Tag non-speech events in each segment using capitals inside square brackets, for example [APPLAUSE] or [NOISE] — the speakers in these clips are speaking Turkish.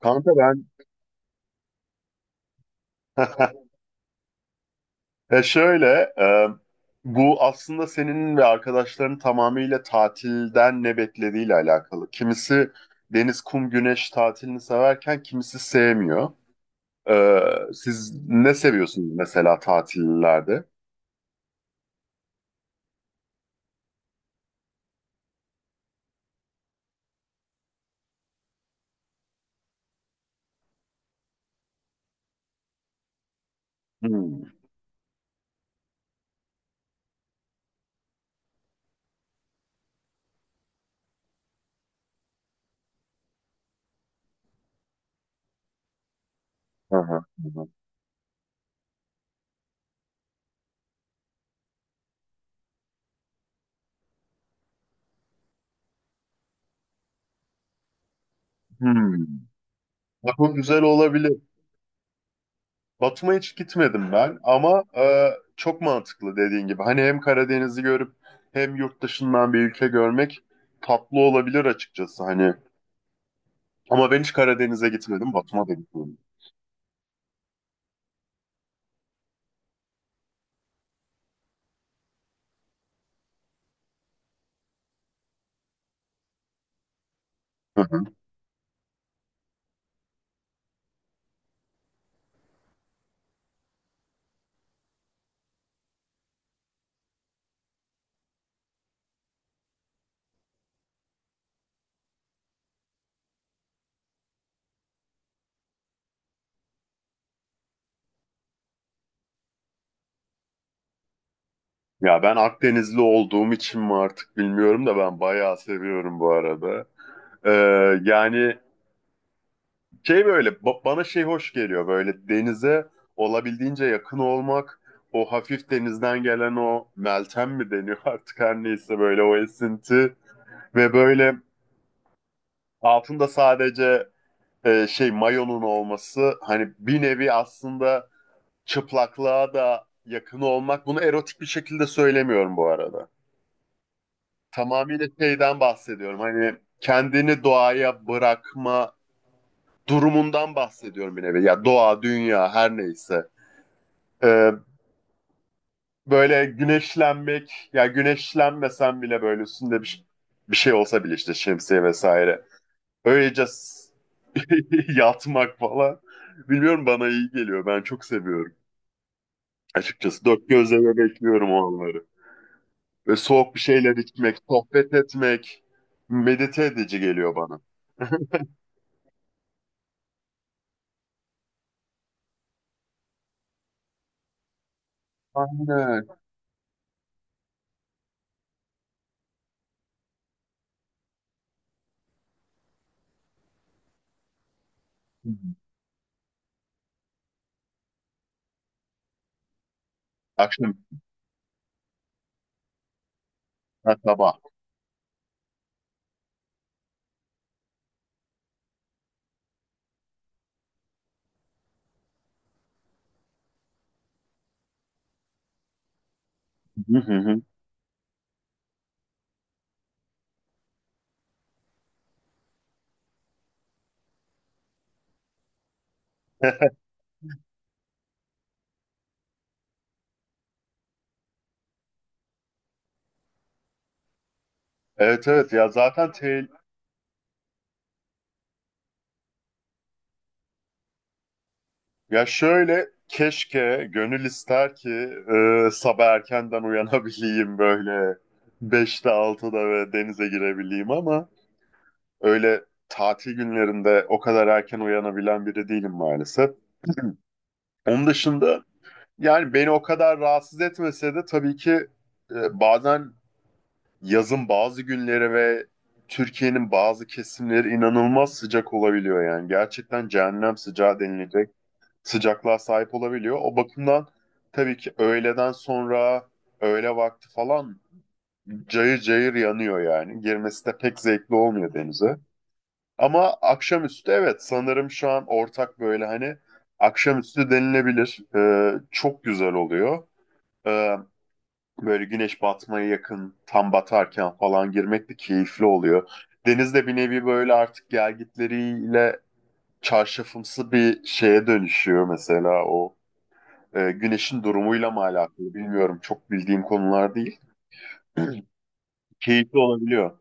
Kanka ben [LAUGHS] ya şöyle e, bu aslında senin ve arkadaşların tamamıyla tatilden ne beklediğiyle alakalı. Kimisi deniz, kum, güneş tatilini severken kimisi sevmiyor. E, Siz ne seviyorsunuz mesela tatillerde? Hmm. Aha, aha. Hmm. Bak bu güzel olabilir. Batum'a hiç gitmedim ben ama çok mantıklı dediğin gibi. Hani hem Karadeniz'i görüp hem yurt dışından bir ülke görmek tatlı olabilir açıkçası hani. Ama ben hiç Karadeniz'e gitmedim, Batum'a da gitmedim. Hı hı. Ya ben Akdenizli olduğum için mi artık bilmiyorum da ben bayağı seviyorum bu arada. E, yani şey böyle bana şey hoş geliyor böyle denize olabildiğince yakın olmak. O hafif denizden gelen o meltem mi deniyor [LAUGHS] artık her neyse böyle o esinti. Ve böyle altında sadece şey mayonun olması hani bir nevi aslında çıplaklığa da yakın olmak. Bunu erotik bir şekilde söylemiyorum bu arada. Tamamıyla şeyden bahsediyorum. Hani kendini doğaya bırakma durumundan bahsediyorum bir nevi. Ya doğa, dünya her neyse. E, böyle güneşlenmek ya güneşlenmesen bile böyle üstünde bir şey olsa bile işte şemsiye vesaire. Öylece [LAUGHS] yatmak falan. Bilmiyorum bana iyi geliyor. Ben çok seviyorum. Açıkçası dört gözle de bekliyorum o anları. Ve soğuk bir şeyler içmek, sohbet etmek medite edici geliyor bana. Aynen. Hı hı. Akşam, ha, sabah. Hı hı hı. Evet evet ya zaten ya şöyle keşke gönül ister ki sabah erkenden uyanabileyim böyle beşte altıda ve denize girebileyim ama öyle tatil günlerinde o kadar erken uyanabilen biri değilim maalesef. Onun dışında yani beni o kadar rahatsız etmese de tabii ki bazen yazın bazı günleri ve Türkiye'nin bazı kesimleri inanılmaz sıcak olabiliyor yani. Gerçekten cehennem sıcağı denilecek sıcaklığa sahip olabiliyor. O bakımdan tabii ki öğleden sonra öğle vakti falan cayır cayır yanıyor yani. Girmesi de pek zevkli olmuyor denize. Ama akşamüstü evet sanırım şu an ortak böyle hani akşamüstü denilebilir. Çok güzel oluyor. Ee, böyle güneş batmaya yakın tam batarken falan girmek de keyifli oluyor. Deniz de bir nevi böyle artık gelgitleriyle çarşafımsı bir şeye dönüşüyor mesela o. Güneşin durumuyla mı alakalı bilmiyorum çok bildiğim konular değil. [CLEARS THROAT] Keyifli olabiliyor.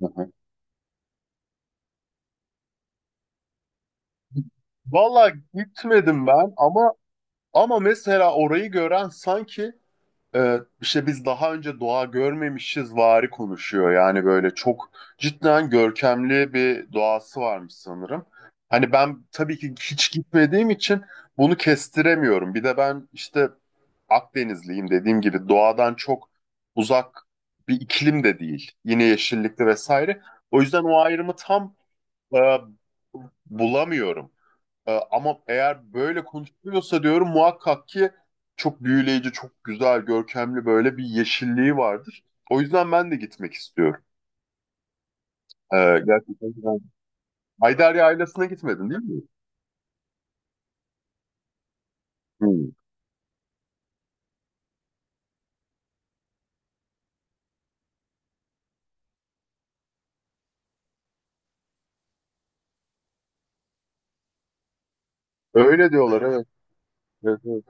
[LAUGHS] Valla gitmedim ben ama ama mesela orayı gören sanki işte biz daha önce doğa görmemişiz vari konuşuyor. Yani böyle çok cidden görkemli bir doğası varmış sanırım. Hani ben tabii ki hiç gitmediğim için bunu kestiremiyorum. Bir de ben işte Akdenizliyim dediğim gibi doğadan çok uzak bir iklim de değil. Yine yeşillikli vesaire. O yüzden o ayrımı tam e, bulamıyorum. Ama eğer böyle konuşuluyorsa diyorum muhakkak ki çok büyüleyici, çok güzel, görkemli böyle bir yeşilliği vardır. O yüzden ben de gitmek istiyorum. Ee, gerçekten ben... Haydari ailesine gitmedin değil mi? Hmm. Öyle diyorlar evet. Evet evet.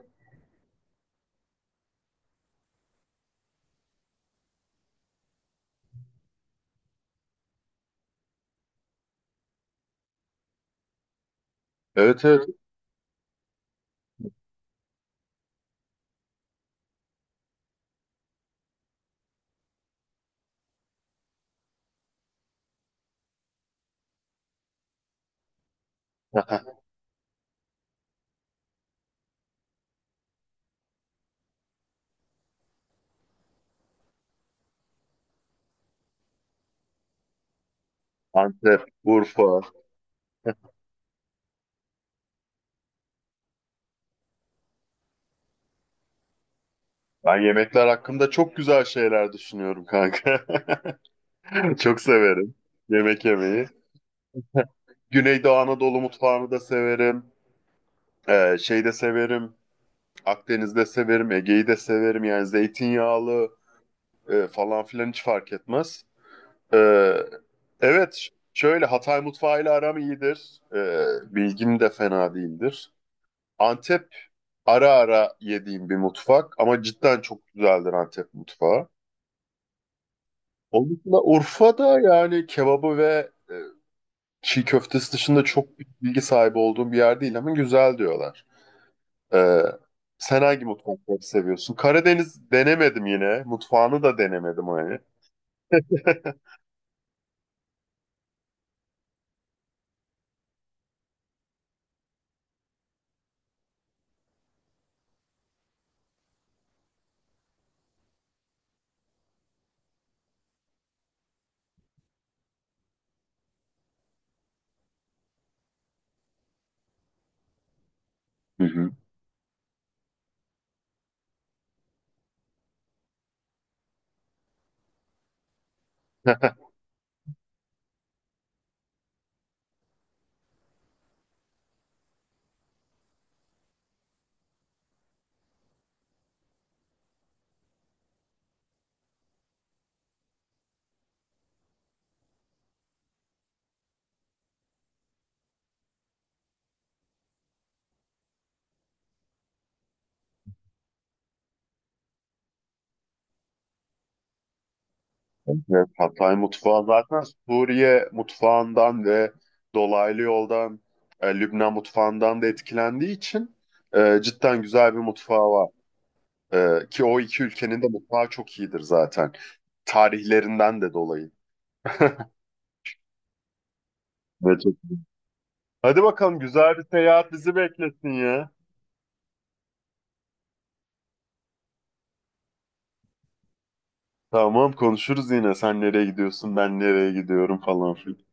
Evet, evet. [LAUGHS] Antep, Urfa. Ben yemekler hakkında çok güzel şeyler düşünüyorum kanka. [LAUGHS] Çok severim yemek yemeyi. Güneydoğu Anadolu mutfağını da severim. Şey de severim. Akdeniz'de severim, Ege'yi de severim. Yani zeytinyağlı falan filan hiç fark etmez. E, evet, şöyle Hatay mutfağıyla aram iyidir. Bilgim de fena değildir. Antep ara ara yediğim bir mutfak ama cidden çok güzeldir Antep mutfağı. Onun dışında Urfa'da yani kebabı ve çiğ köftesi dışında çok bilgi sahibi olduğum bir yer değil ama güzel diyorlar. Ee, sen hangi mutfakları seviyorsun? Karadeniz denemedim yine. Mutfağını da denemedim hani. Hı hı. [LAUGHS] Evet, Hatay mutfağı zaten Suriye mutfağından ve dolaylı yoldan Lübnan mutfağından da etkilendiği için cidden güzel bir mutfağı var. Ki o iki ülkenin de mutfağı çok iyidir zaten. Tarihlerinden de dolayı. [LAUGHS] Evet, çok- Hadi bakalım güzel bir seyahat bizi beklesin ya. Tamam konuşuruz yine. Sen nereye gidiyorsun, ben nereye gidiyorum falan filan.